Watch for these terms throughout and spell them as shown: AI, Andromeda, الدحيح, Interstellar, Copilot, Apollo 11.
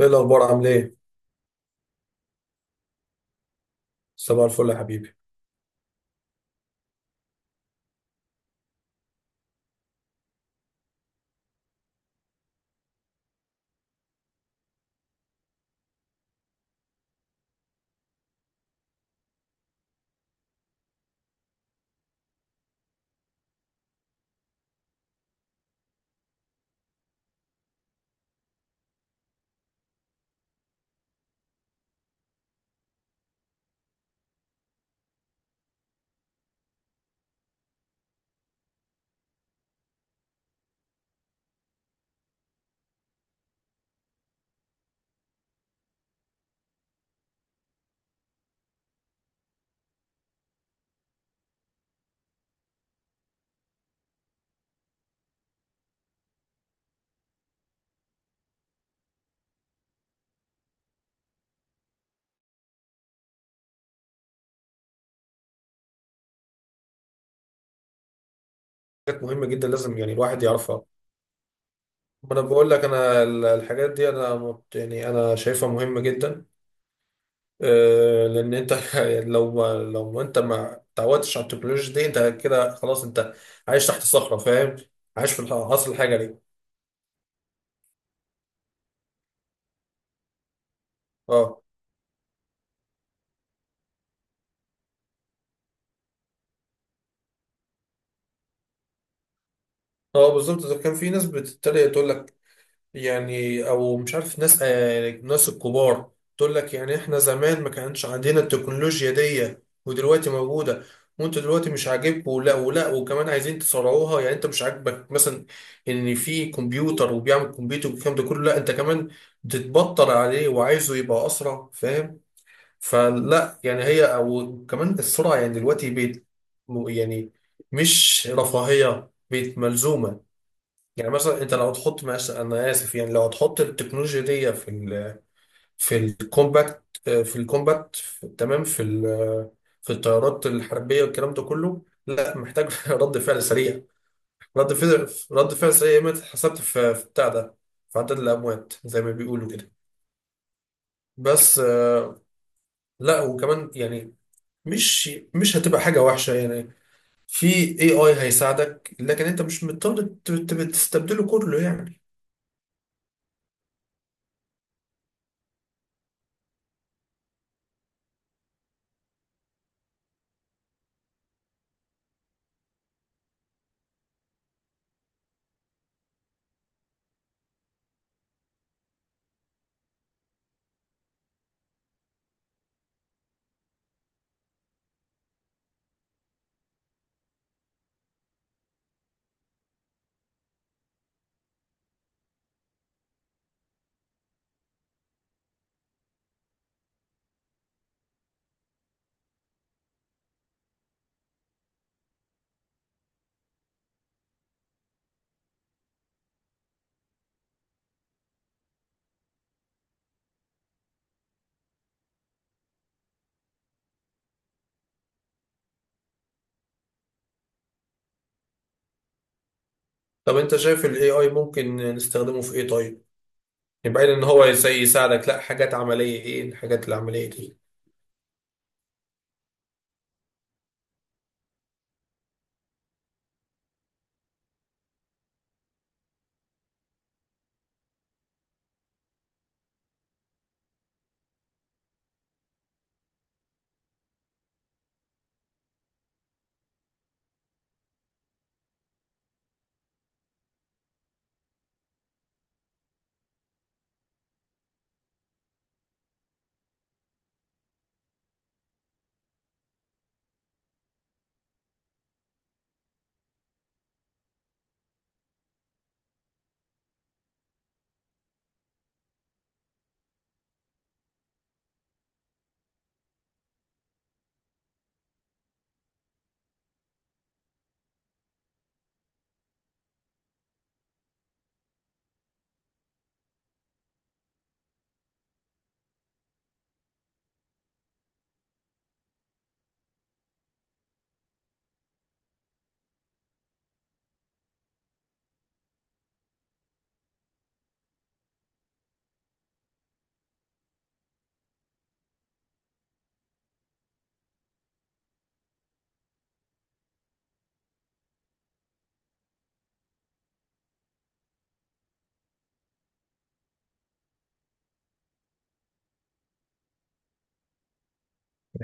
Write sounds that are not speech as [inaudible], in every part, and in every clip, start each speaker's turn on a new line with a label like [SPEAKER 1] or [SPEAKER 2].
[SPEAKER 1] ايه الاخبار عامل ايه؟ صباح الفل يا حبيبي. حاجات مهمه جدا، لازم يعني الواحد يعرفها. ما انا بقول لك انا الحاجات دي انا يعني انا شايفها مهمه جدا. لان انت [laughs] لو ما انت ما تعودتش على التكنولوجيا دي، انت كده خلاص، انت عايش تحت صخره، فاهم؟ عايش في عصر الحجري. اه اه بالظبط. ده كان في ناس بتتريق، تقول لك يعني، او مش عارف، ناس آه ناس الكبار تقول لك، يعني احنا زمان ما كانش عندنا التكنولوجيا دي، ودلوقتي موجوده، وانتوا دلوقتي مش عاجبكم، ولا وكمان عايزين تسرعوها. يعني انت مش عاجبك مثلا ان في كمبيوتر وبيعمل كمبيوتر والكلام ده كله، لا انت كمان بتتبطر عليه وعايزه يبقى اسرع، فاهم؟ فلا يعني هي او كمان السرعه يعني دلوقتي بقت، يعني مش رفاهيه، بقت ملزومه. يعني مثلا انت لو تحط مثلا، انا اسف يعني، لو تحط التكنولوجيا دي في ال في الكومباكت، في الكومباكت تمام، في في الطيارات الحربيه والكلام ده كله، لا، محتاج [laughs] رد فعل سريع. رد فعل سريع، ما اتحسبت في بتاع ده، في عدد الاموات زي ما بيقولوا كده. بس لا وكمان يعني مش مش هتبقى حاجه وحشه يعني. في، اي اي هيساعدك، لكن انت مش مضطر تستبدله كله يعني. طب انت شايف ال AI ممكن نستخدمه في ايه طيب؟ يعني بعيد ان هو زي يساعدك، لا، حاجات عملية. ايه الحاجات العملية دي؟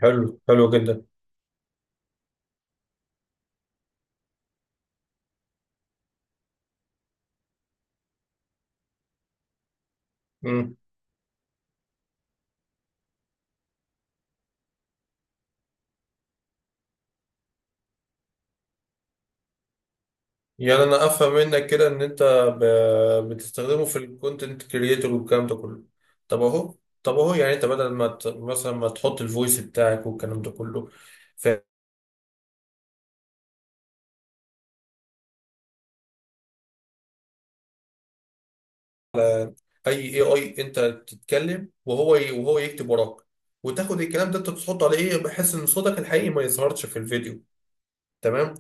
[SPEAKER 1] حلو، حلو جدا. امم، يعني انا افهم منك كده ان انت بتستخدمه في الكونتنت كريتور والكلام ده كله. طب اهو، طب اهو يعني انت بدل ما مثلا ما تحط الفويس بتاعك والكلام ده كله، في اي AI انت تتكلم وهو يكتب وراك، وتاخد الكلام ده انت تحطه على ايه، بحيث ان صوتك الحقيقي ما يظهرش في الفيديو. تمام.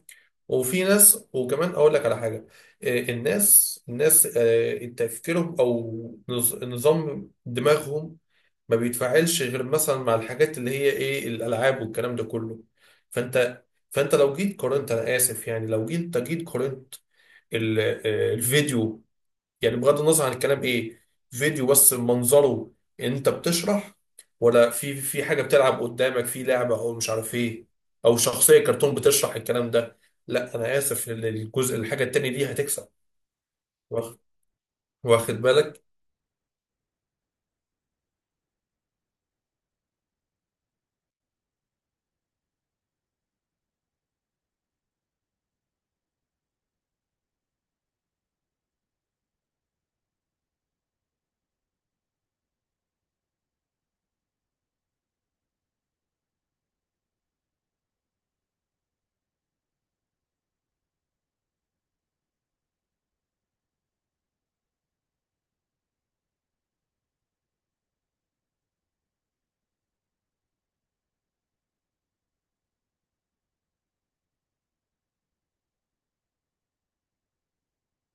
[SPEAKER 1] وفي ناس، وكمان اقول لك على حاجه. الناس، تفكيرهم او نظام دماغهم ما بيتفاعلش غير مثلا مع الحاجات اللي هي ايه، الالعاب والكلام ده كله. فانت، فانت لو جيت قارنت انا اسف يعني، لو جيت قارنت الفيديو، يعني بغض النظر عن الكلام ايه، فيديو بس منظره، انت بتشرح، ولا في في حاجه بتلعب قدامك، في لعبه او مش عارف ايه، او شخصيه كرتون بتشرح الكلام ده. لا انا اسف، ال- الجزء الحاجه التانيه دي هتكسب. واخ- واخد بالك؟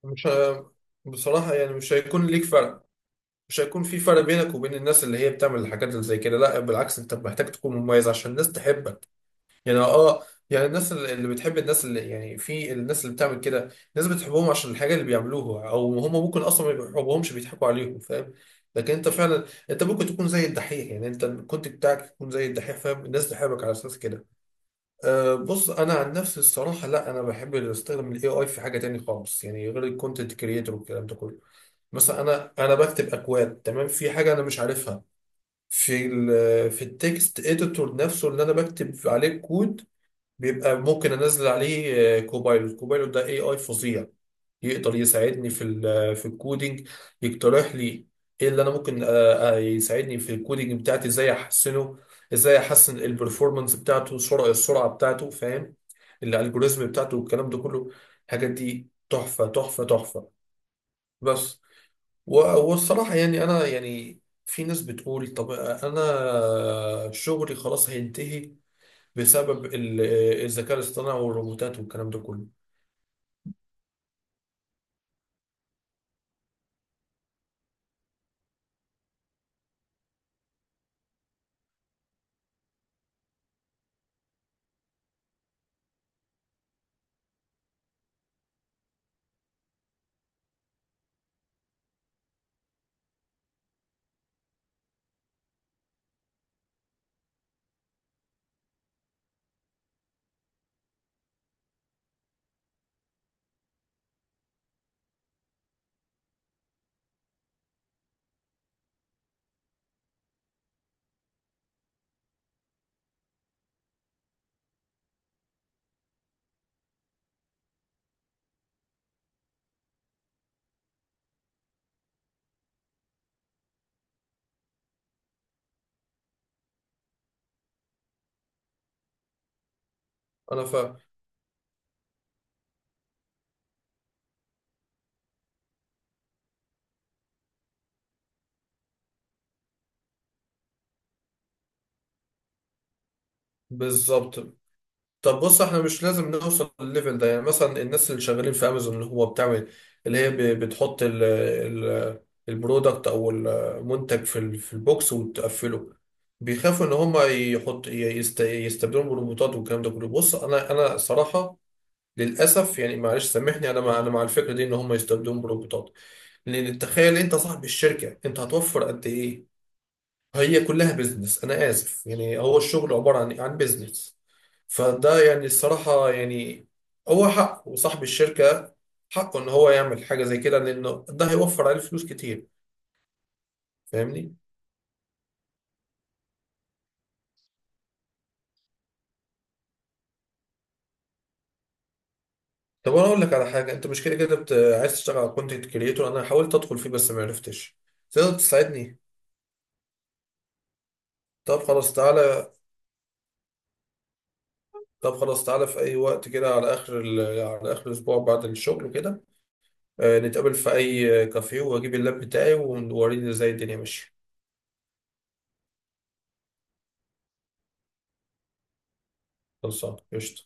[SPEAKER 1] مش ه- بصراحه يعني مش هيكون ليك فرق. مش هيكون في فرق بينك وبين الناس اللي هي بتعمل الحاجات اللي زي كده، لا بالعكس، انت محتاج تكون مميز عشان الناس تحبك. يعني اه، يعني الناس اللي بتحب الناس اللي يعني، في الناس اللي بتعمل كده، الناس بتحبهم عشان الحاجه اللي بيعملوها، او هم ممكن اصلا ما بيحبوهمش، بيضحكوا عليهم، فاهم؟ لكن انت فعلا، انت ممكن تكون زي الدحيح، يعني انت الكونت بتاعك يكون زي الدحيح، فاهم؟ الناس تحبك على اساس كده. أه، بص انا عن نفسي الصراحه لا، انا بحب استخدم الاي اي في حاجه تاني خالص، يعني غير الكونتنت كريتور والكلام ده كله. مثلا انا، انا بكتب اكواد تمام، في حاجه انا مش عارفها، في ال، في التكست اديتور نفسه اللي انا بكتب عليه الكود، بيبقى ممكن انزل عليه كوبايلوت. كوبايلوت ده اي اي فظيع، يقدر يساعدني في في الكودينج، يقترح لي ايه اللي انا ممكن، يساعدني في الكودينج بتاعتي، ازاي احسنه، ازاي احسن البرفورمانس بتاعته، السرعه بتاعته، فاهم؟ الالجوريزم بتاعته والكلام ده كله. الحاجات دي تحفه تحفه. بس، و- والصراحه يعني انا يعني، في ناس بتقول طب انا شغلي خلاص هينتهي بسبب الذكاء الاصطناعي والروبوتات والكلام ده كله. انا فاهم. بالظبط. طب بص، احنا مش لازم نوصل للليفل ده. يعني مثلا الناس اللي شغالين في امازون، اللي هو بتعمل، اللي هي بتحط ال البرودكت او المنتج في في البوكس وتقفله، بيخافوا ان هم يستبدلوا بالروبوتات والكلام ده كله. بص انا، انا صراحة للاسف يعني، معلش سامحني، انا مع، انا مع الفكرة دي ان هم يستبدلوا بالروبوتات. لان تخيل انت صاحب الشركة، انت هتوفر قد ايه؟ هي كلها بيزنس، انا اسف يعني، هو الشغل عباره عن بيزنس. فده يعني الصراحه يعني، هو حقه، وصاحب الشركه حقه ان هو يعمل حاجه زي كده، لانه ده هيوفر عليه فلوس كتير، فاهمني؟ طب انا اقول لك على حاجه، انت مش كده كده عايز تشتغل على كونتنت كريتور؟ انا حاولت ادخل فيه بس ما عرفتش، تقدر تساعدني؟ طب خلاص تعالى، طب خلاص تعالى في اي وقت كده، على اخر على اخر الاسبوع بعد الشغل كده، نتقابل في اي كافيه واجيب اللاب بتاعي ووريني ازاي الدنيا ماشيه. خلصان قشطه.